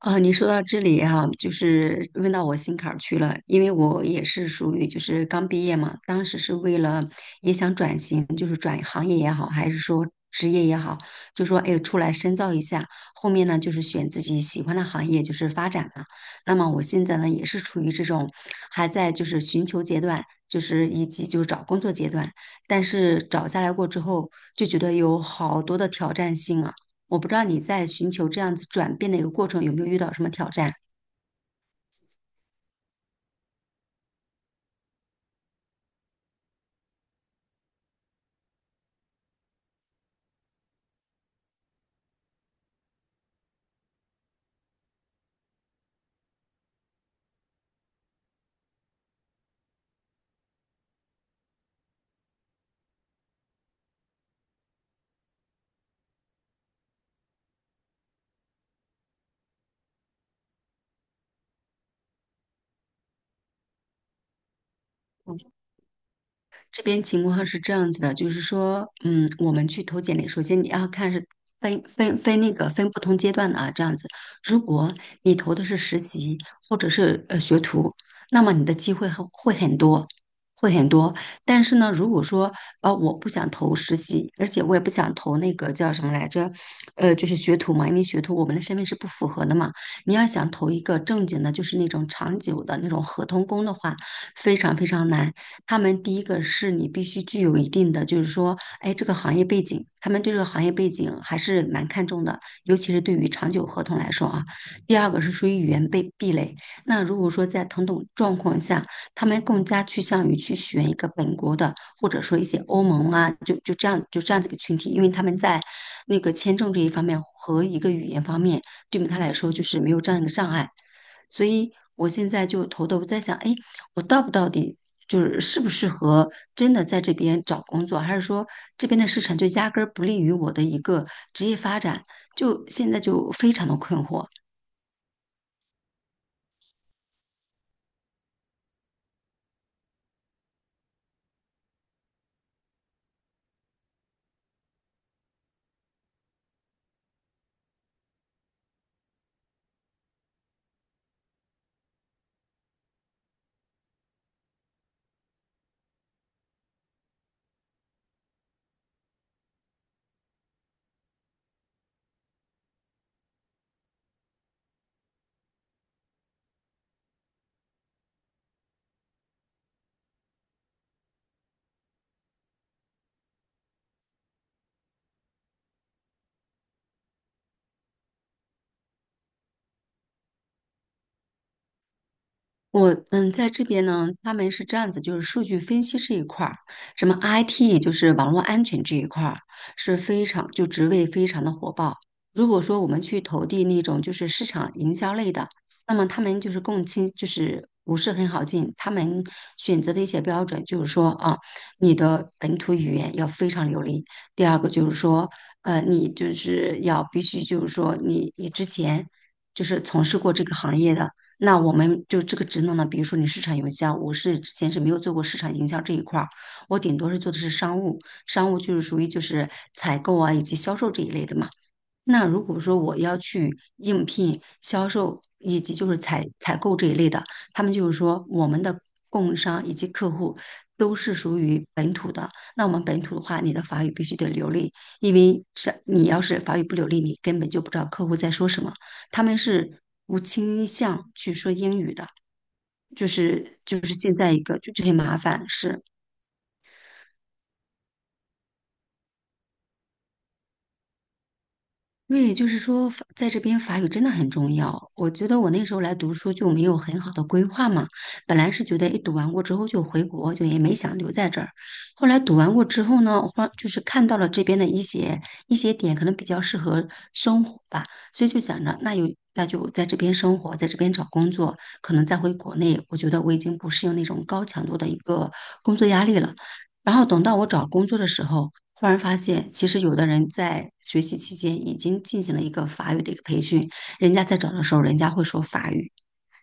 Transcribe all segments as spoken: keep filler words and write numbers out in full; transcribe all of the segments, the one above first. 啊，你说到这里哈、就是问到我心坎儿去了，因为我也是属于就是刚毕业嘛，当时是为了也想转型，就是转行业也好，还是说职业也好，就说哎出来深造一下，后面呢就是选自己喜欢的行业就是发展嘛。那么我现在呢也是处于这种还在就是寻求阶段。就是以及就是找工作阶段，但是找下来过之后，就觉得有好多的挑战性啊。我不知道你在寻求这样子转变的一个过程有没有遇到什么挑战？这边情况是这样子的，就是说，嗯，我们去投简历，首先你要看是分分分那个分不同阶段的啊，这样子。如果你投的是实习或者是呃学徒，那么你的机会很会很多，会很多。但是呢，如果说呃我不想投实习，而且我也不想投那个叫什么来着，呃，就是学徒嘛，因为学徒我们的身份是不符合的嘛。你要想投一个正经的，就是那种长久的那种合同工的话，非常非常难。他们第一个是你必须具有一定的，就是说，哎，这个行业背景，他们对这个行业背景还是蛮看重的，尤其是对于长久合同来说啊。第二个是属于语言被壁垒，那如果说在同等状况下，他们更加趋向于去选一个本国的，或者说一些欧盟啊，就就这样就这样子一个群体，因为他们在那个签证这一方面和一个语言方面，对于他来说就是没有这样一个障碍。所以我现在就头头在想，哎，我到不到底就是适不适合真的在这边找工作，还是说这边的市场就压根儿不利于我的一个职业发展？就现在就非常的困惑。我嗯，在这边呢，他们是这样子，就是数据分析这一块儿，什么 I T 就是网络安全这一块儿是非常就职位非常的火爆。如果说我们去投递那种就是市场营销类的，那么他们就是共青就是不是很好进，他们选择的一些标准就是说啊，你的本土语言要非常流利，第二个就是说呃，你就是要必须就是说你你之前就是从事过这个行业的。那我们就这个职能呢，比如说你市场营销，我是之前是没有做过市场营销这一块儿，我顶多是做的是商务，商务就是属于就是采购啊以及销售这一类的嘛。那如果说我要去应聘销售以及就是采采购这一类的，他们就是说我们的供应商以及客户都是属于本土的。那我们本土的话，你的法语必须得流利，因为是你要是法语不流利，你根本就不知道客户在说什么。他们是不倾向去说英语的，就是就是现在一个就这些麻烦是。对，就是说法在这边法语真的很重要。我觉得我那时候来读书就没有很好的规划嘛，本来是觉得一读完过之后就回国，就也没想留在这儿。后来读完过之后呢，我忽然就是看到了这边的一些一些点，可能比较适合生活吧，所以就想着那有那就在这边生活，在这边找工作，可能再回国内，我觉得我已经不适应那种高强度的一个工作压力了。然后等到我找工作的时候，忽然发现，其实有的人在学习期间已经进行了一个法语的一个培训，人家在找的时候，人家会说法语；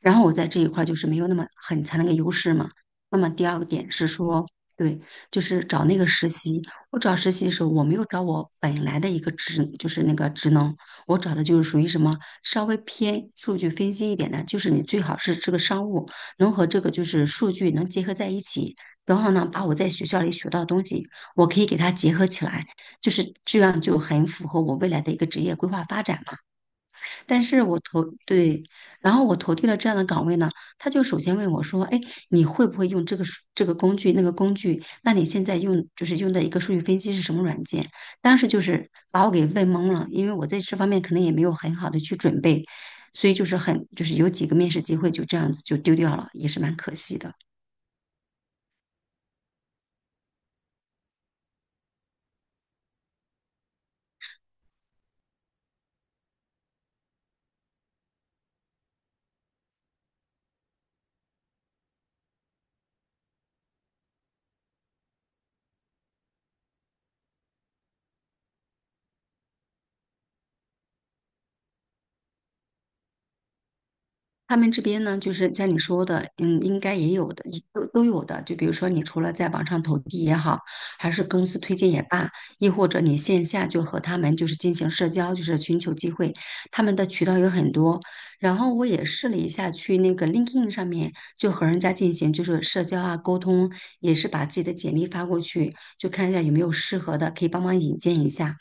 然后我在这一块儿就是没有那么很强的一个优势嘛。那么第二个点是说，对，就是找那个实习。我找实习的时候，我没有找我本来的一个职，就是那个职能，我找的就是属于什么稍微偏数据分析一点的，就是你最好是这个商务能和这个就是数据能结合在一起，然后呢，把我在学校里学到的东西，我可以给它结合起来，就是这样就很符合我未来的一个职业规划发展嘛。但是我投，对，然后我投递了这样的岗位呢，他就首先问我说，哎，你会不会用这个数这个工具那个工具？那你现在用就是用的一个数据分析是什么软件？当时就是把我给问懵了，因为我在这方面可能也没有很好的去准备，所以就是很就是有几个面试机会就这样子就丢掉了，也是蛮可惜的。他们这边呢，就是像你说的，嗯，应该也有的，都都有的。就比如说，你除了在网上投递也好，还是公司推荐也罢，亦或者你线下就和他们就是进行社交，就是寻求机会，他们的渠道有很多。然后我也试了一下，去那个 LinkedIn 上面就和人家进行就是社交啊沟通，也是把自己的简历发过去，就看一下有没有适合的，可以帮忙引荐一下。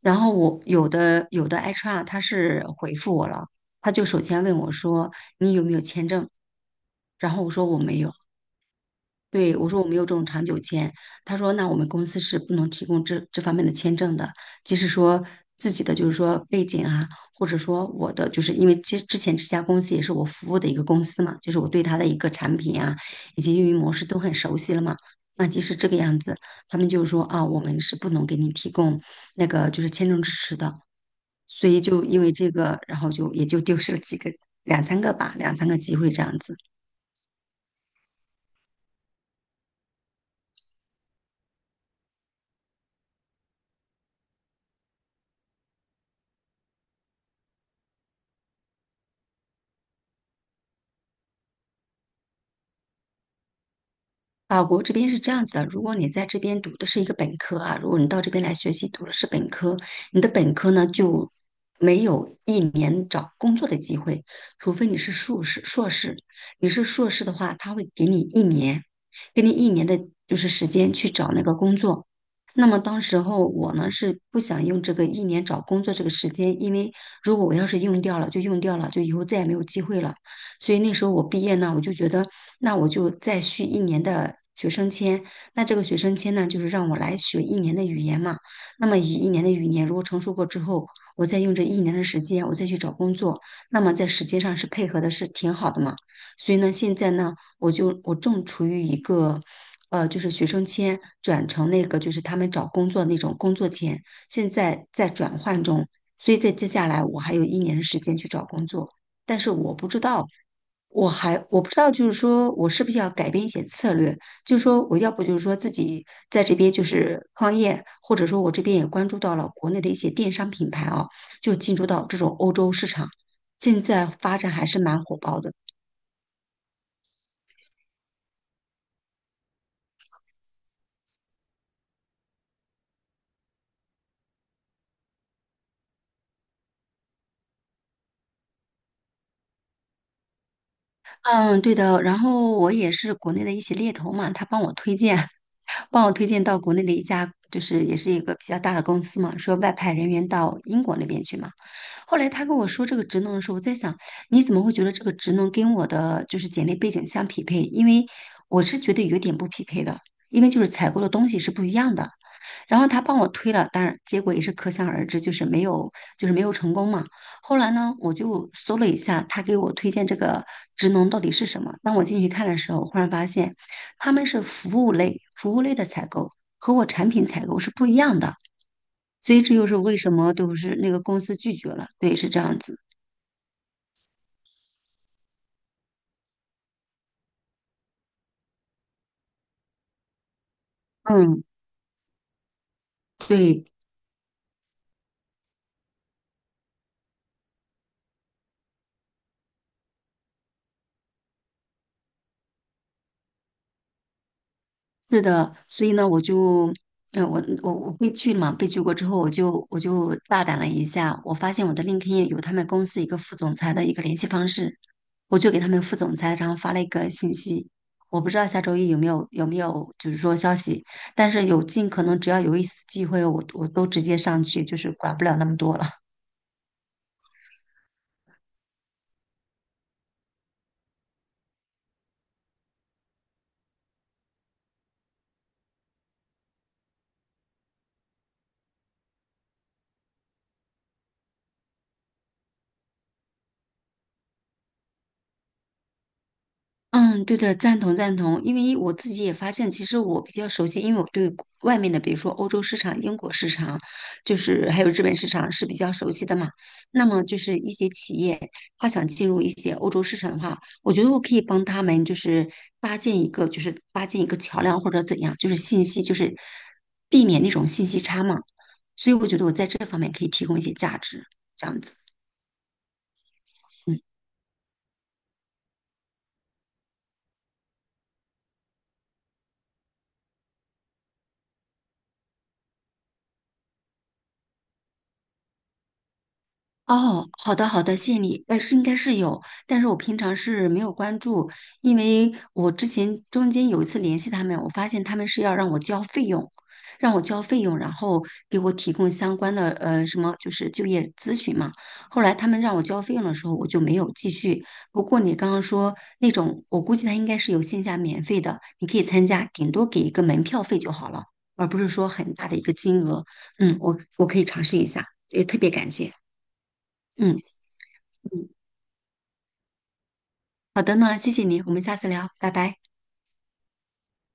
然后我有的有的 H R 他是回复我了，他就首先问我说你有没有签证，然后我说我没有，对我说我没有这种长久签，他说那我们公司是不能提供这这方面的签证的，即使说自己的就是说背景啊，或者说我的就是因为之之前这家公司也是我服务的一个公司嘛，就是我对它的一个产品啊以及运营模式都很熟悉了嘛，那即使这个样子，他们就说啊我们是不能给你提供那个就是签证支持的。所以就因为这个，然后就也就丢失了几个两三个吧，两三个机会这样子。法国这边是这样子的，如果你在这边读的是一个本科啊，如果你到这边来学习读的是本科，你的本科呢就没有一年找工作的机会，除非你是硕士。硕士，你是硕士的话，他会给你一年，给你一年的就是时间去找那个工作。那么当时候我呢是不想用这个一年找工作这个时间，因为如果我要是用掉了就用掉了，就以后再也没有机会了。所以那时候我毕业呢，我就觉得那我就再续一年的学生签。那这个学生签呢，就是让我来学一年的语言嘛。那么以一年的语言如果成熟过之后，我再用这一年的时间，我再去找工作，那么在时间上是配合的是挺好的嘛。所以呢，现在呢，我就我正处于一个。呃，就是学生签转成那个，就是他们找工作那种工作签，现在在转换中，所以在接下来我还有一年的时间去找工作。但是我不知道，我还我不知道，就是说我是不是要改变一些策略，就是说我要不就是说自己在这边就是创业，或者说我这边也关注到了国内的一些电商品牌啊，就进驻到这种欧洲市场，现在发展还是蛮火爆的。嗯，对的。然后我也是国内的一些猎头嘛，他帮我推荐，帮我推荐到国内的一家，就是也是一个比较大的公司嘛，说外派人员到英国那边去嘛。后来他跟我说这个职能的时候，我在想，你怎么会觉得这个职能跟我的就是简历背景相匹配？因为我是觉得有点不匹配的，因为就是采购的东西是不一样的。然后他帮我推了，当然结果也是可想而知，就是没有，就是没有成功嘛。后来呢，我就搜了一下他给我推荐这个职能到底是什么。当我进去看的时候，忽然发现他们是服务类，服务类的采购和我产品采购是不一样的，所以这又是为什么就是那个公司拒绝了。对，是这样子。嗯，对。是的，所以呢，我就，嗯，我我我被拒了嘛，被拒过之后，我就我就大胆了一下，我发现我的 LinkedIn 有他们公司一个副总裁的一个联系方式，我就给他们副总裁，然后发了一个信息，我不知道下周一有没有有没有就是说消息，但是有尽可能只要有一丝机会，我我都直接上去，就是管不了那么多了。嗯，对的，赞同赞同，因为我自己也发现，其实我比较熟悉，因为我对国外面的，比如说欧洲市场、英国市场，就是还有日本市场是比较熟悉的嘛。那么就是一些企业，他想进入一些欧洲市场的话，我觉得我可以帮他们，就是搭建一个，就是搭建一个桥梁或者怎样，就是信息，就是避免那种信息差嘛。所以我觉得我在这方面可以提供一些价值，这样子。嗯。哦，好的好的，谢谢你。呃，是应该是有，但是我平常是没有关注，因为我之前中间有一次联系他们，我发现他们是要让我交费用，让我交费用，然后给我提供相关的呃什么就是就业咨询嘛。后来他们让我交费用的时候，我就没有继续。不过你刚刚说那种，我估计他应该是有线下免费的，你可以参加，顶多给一个门票费就好了，而不是说很大的一个金额。嗯，我我可以尝试一下，也特别感谢。嗯。好的呢，谢谢你，我们下次聊，拜拜。